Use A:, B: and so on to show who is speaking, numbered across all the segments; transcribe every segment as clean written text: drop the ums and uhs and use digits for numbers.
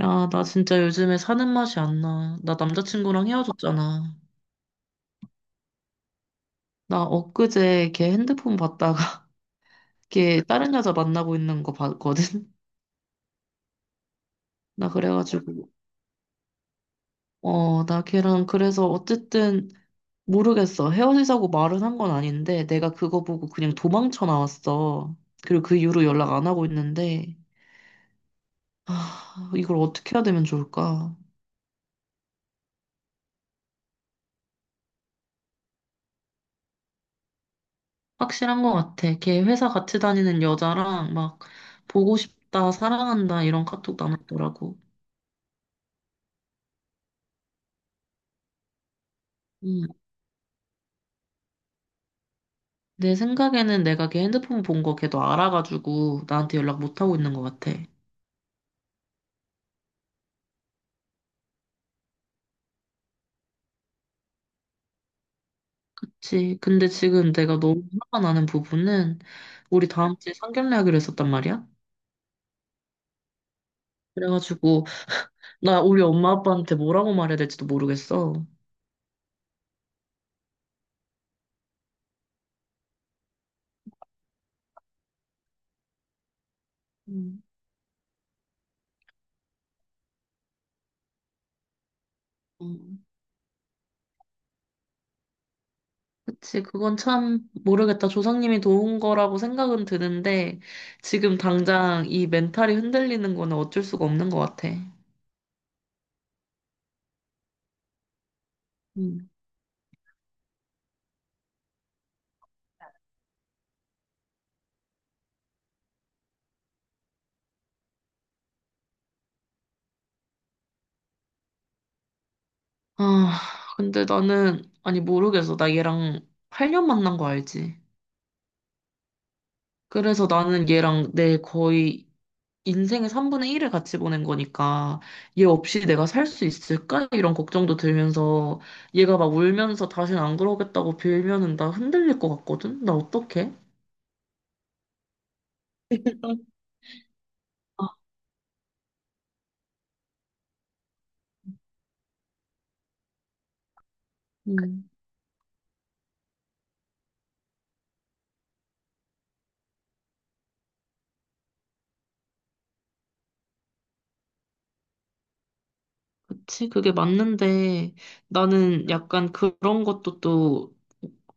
A: 야, 나 진짜 요즘에 사는 맛이 안 나. 나 남자친구랑 헤어졌잖아. 나 엊그제 걔 핸드폰 봤다가 걔 다른 여자 만나고 있는 거 봤거든? 나 그래가지고, 나 걔랑 그래서 어쨌든 모르겠어. 헤어지자고 말은 한 건 아닌데 내가 그거 보고 그냥 도망쳐 나왔어. 그리고 그 이후로 연락 안 하고 있는데, 아, 이걸 어떻게 해야 되면 좋을까? 확실한 것 같아. 걔 회사 같이 다니는 여자랑 막 보고 싶다, 사랑한다 이런 카톡 나눴더라고. 음, 내 생각에는 내가 걔 핸드폰 본 거 걔도 알아가지고 나한테 연락 못 하고 있는 것 같아. 그치. 근데 지금 내가 너무 화가 나는 부분은 우리 다음 주에 상견례 하기로 했었단 말이야. 그래가지고 나 우리 엄마 아빠한테 뭐라고 말해야 될지도 모르겠어. 음, 음. 그치. 그건 참 모르겠다. 조상님이 도운 거라고 생각은 드는데 지금 당장 이 멘탈이 흔들리는 거는 어쩔 수가 없는 것 같아. 아, 근데 나는, 아니, 모르겠어. 나 얘랑 8년 만난 거 알지? 그래서 나는 얘랑 내 거의 인생의 3분의 1을 같이 보낸 거니까, 얘 없이 내가 살 수 있을까? 이런 걱정도 들면서, 얘가 막 울면서 다신 안 그러겠다고 빌면은 나 흔들릴 것 같거든? 나 어떡해? 음. 그치, 그게 맞는데 나는 약간 그런 것도 또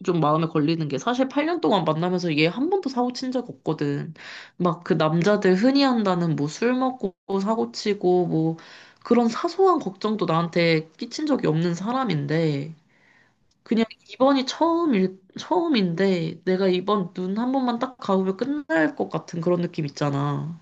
A: 좀 마음에 걸리는 게 사실 8년 동안 만나면서 얘 한 번도 사고 친 적 없거든. 막 그 남자들 흔히 한다는 뭐 술 먹고 사고 치고 뭐 그런 사소한 걱정도 나한테 끼친 적이 없는 사람인데 그냥 이번이 처음인데 내가 이번 눈 한 번만 딱 감으면 끝날 것 같은 그런 느낌 있잖아.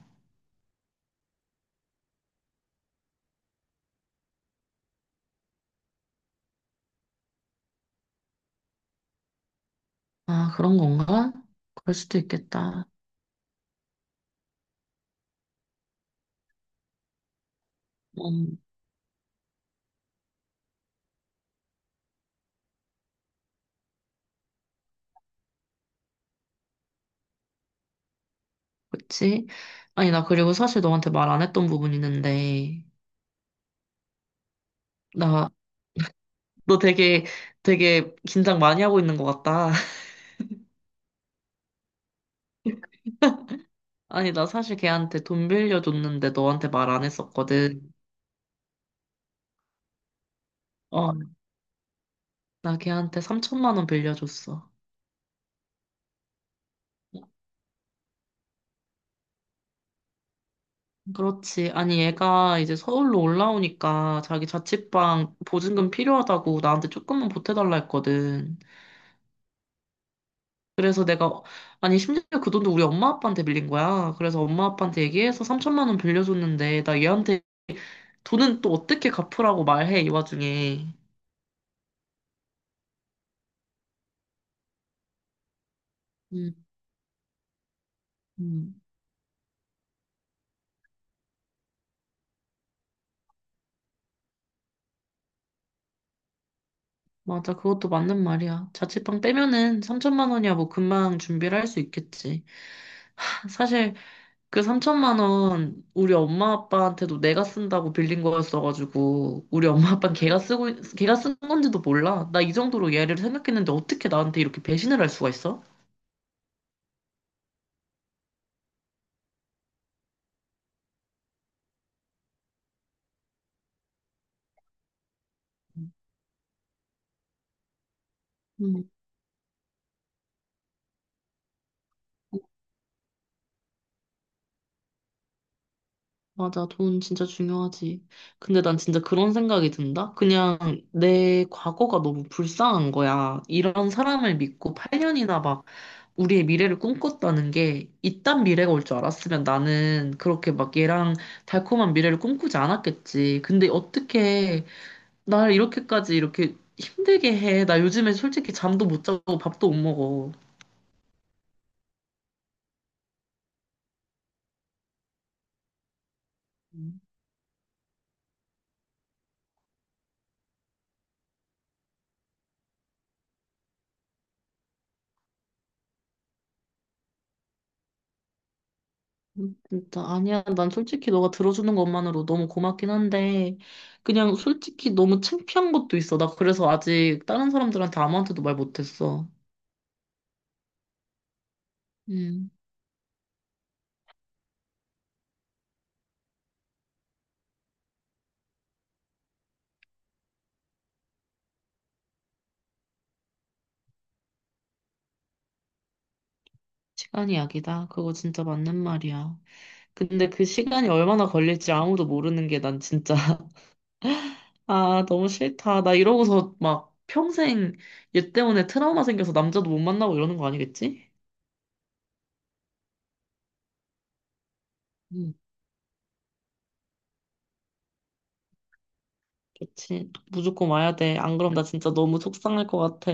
A: 아, 그런 건가? 그럴 수도 있겠다. 그치? 아니, 나 그리고 사실 너한테 말 안 했던 부분 있는데, 나, 너 되게 긴장 많이 하고 있는 것 같다. 아니, 나 사실 걔한테 돈 빌려줬는데 너한테 말 안 했었거든. 어, 나 걔한테 3천만 원 빌려줬어. 그렇지. 아니, 얘가 이제 서울로 올라오니까 자기 자취방 보증금 필요하다고 나한테 조금만 보태달라 했거든. 그래서 내가, 아니, 심지어 그 돈도 우리 엄마 아빠한테 빌린 거야. 그래서 엄마 아빠한테 얘기해서 3천만 원 빌려줬는데, 나 얘한테 돈은 또 어떻게 갚으라고 말해, 이 와중에. 음, 음, 맞아. 그것도 맞는 말이야. 자취방 빼면은 3천만 원이야 뭐 금방 준비를 할 수 있겠지. 사실 그 3천만 원 우리 엄마 아빠한테도 내가 쓴다고 빌린 거였어가지고 우리 엄마 아빠는 걔가 쓰고 있- 걔가 쓴 건지도 몰라. 나 이 정도로 얘를 생각했는데 어떻게 나한테 이렇게 배신을 할 수가 있어? 음. 맞아, 돈 진짜 중요하지. 근데 난 진짜 그런 생각이 든다? 그냥 내 과거가 너무 불쌍한 거야. 이런 사람을 믿고 8년이나 막 우리의 미래를 꿈꿨다는 게 이딴 미래가 올 줄 알았으면 나는 그렇게 막 얘랑 달콤한 미래를 꿈꾸지 않았겠지. 근데 어떻게 날 이렇게까지 이렇게 힘들게 해. 나 요즘에 솔직히 잠도 못 자고 밥도 못 먹어. 진짜 아니야. 난 솔직히 너가 들어주는 것만으로 너무 고맙긴 한데 그냥 솔직히 너무 창피한 것도 있어. 나 그래서 아직 다른 사람들한테 아무한테도 말 못했어. 음, 시간이 약이다. 그거 진짜 맞는 말이야. 근데 그 시간이 얼마나 걸릴지 아무도 모르는 게 난 진짜 아, 너무 싫다. 나 이러고서 막 평생 얘 때문에 트라우마 생겨서 남자도 못 만나고 이러는 거 아니겠지? 음, 그치. 무조건 와야 돼. 안 그럼 나 진짜 너무 속상할 것 같아.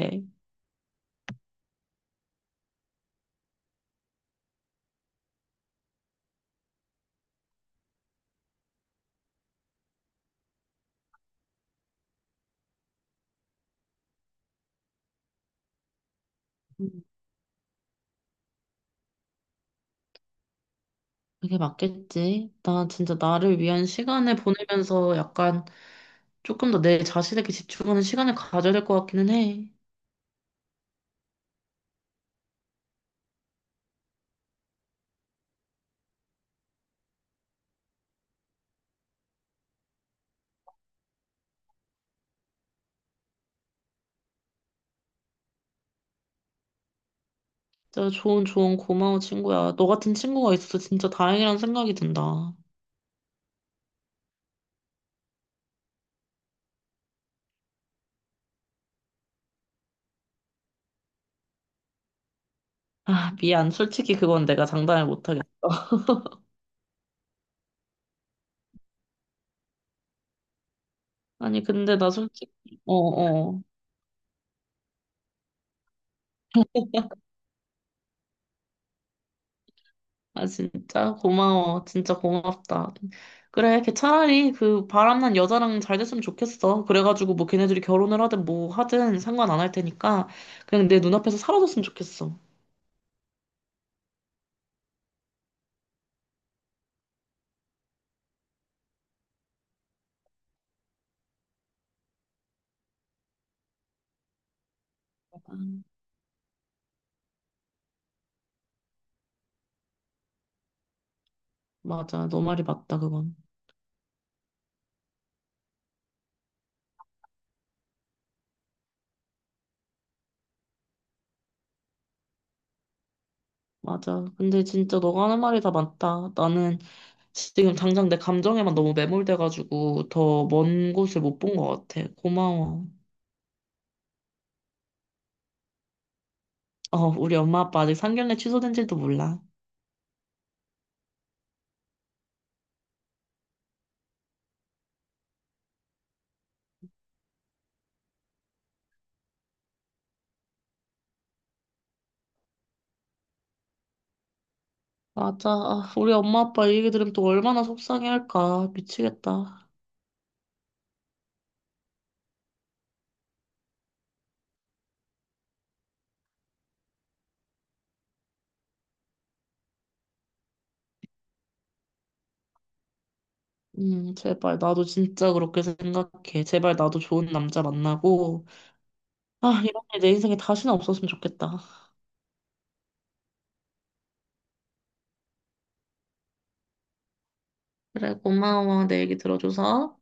A: 그게 맞겠지. 나 진짜 나를 위한 시간을 보내면서 약간 조금 더 내 자신에게 집중하는 시간을 가져야 될 것 같기는 해. 진짜 좋은 고마워 친구야. 너 같은 친구가 있어서 진짜 다행이라는 생각이 든다. 아, 미안. 솔직히 그건 내가 장담을 못하겠어. 아니, 근데 나 솔직히, 어어. 아, 진짜? 고마워. 진짜 고맙다. 그래, 걔 차라리 그 바람난 여자랑 잘 됐으면 좋겠어. 그래가지고 뭐 걔네들이 결혼을 하든 뭐 하든 상관 안 할 테니까 그냥 내 눈앞에서 사라졌으면 좋겠어. 맞아. 너 말이 맞다, 그건. 맞아. 근데 진짜 너가 하는 말이 다 맞다. 나는 지금 당장 내 감정에만 너무 매몰돼가지고 더 먼 곳을 못 본 것 같아. 고마워. 어, 우리 엄마 아빠 아직 상견례 취소된지도 몰라. 맞아. 아, 우리 엄마 아빠 이 얘기 들으면 또 얼마나 속상해할까. 미치겠다. 제발 나도 진짜 그렇게 생각해. 제발 나도 좋은 남자 만나고. 아, 이런 일 내 인생에 다시는 없었으면 좋겠다. 그래, 고마워. 내 얘기 들어줘서.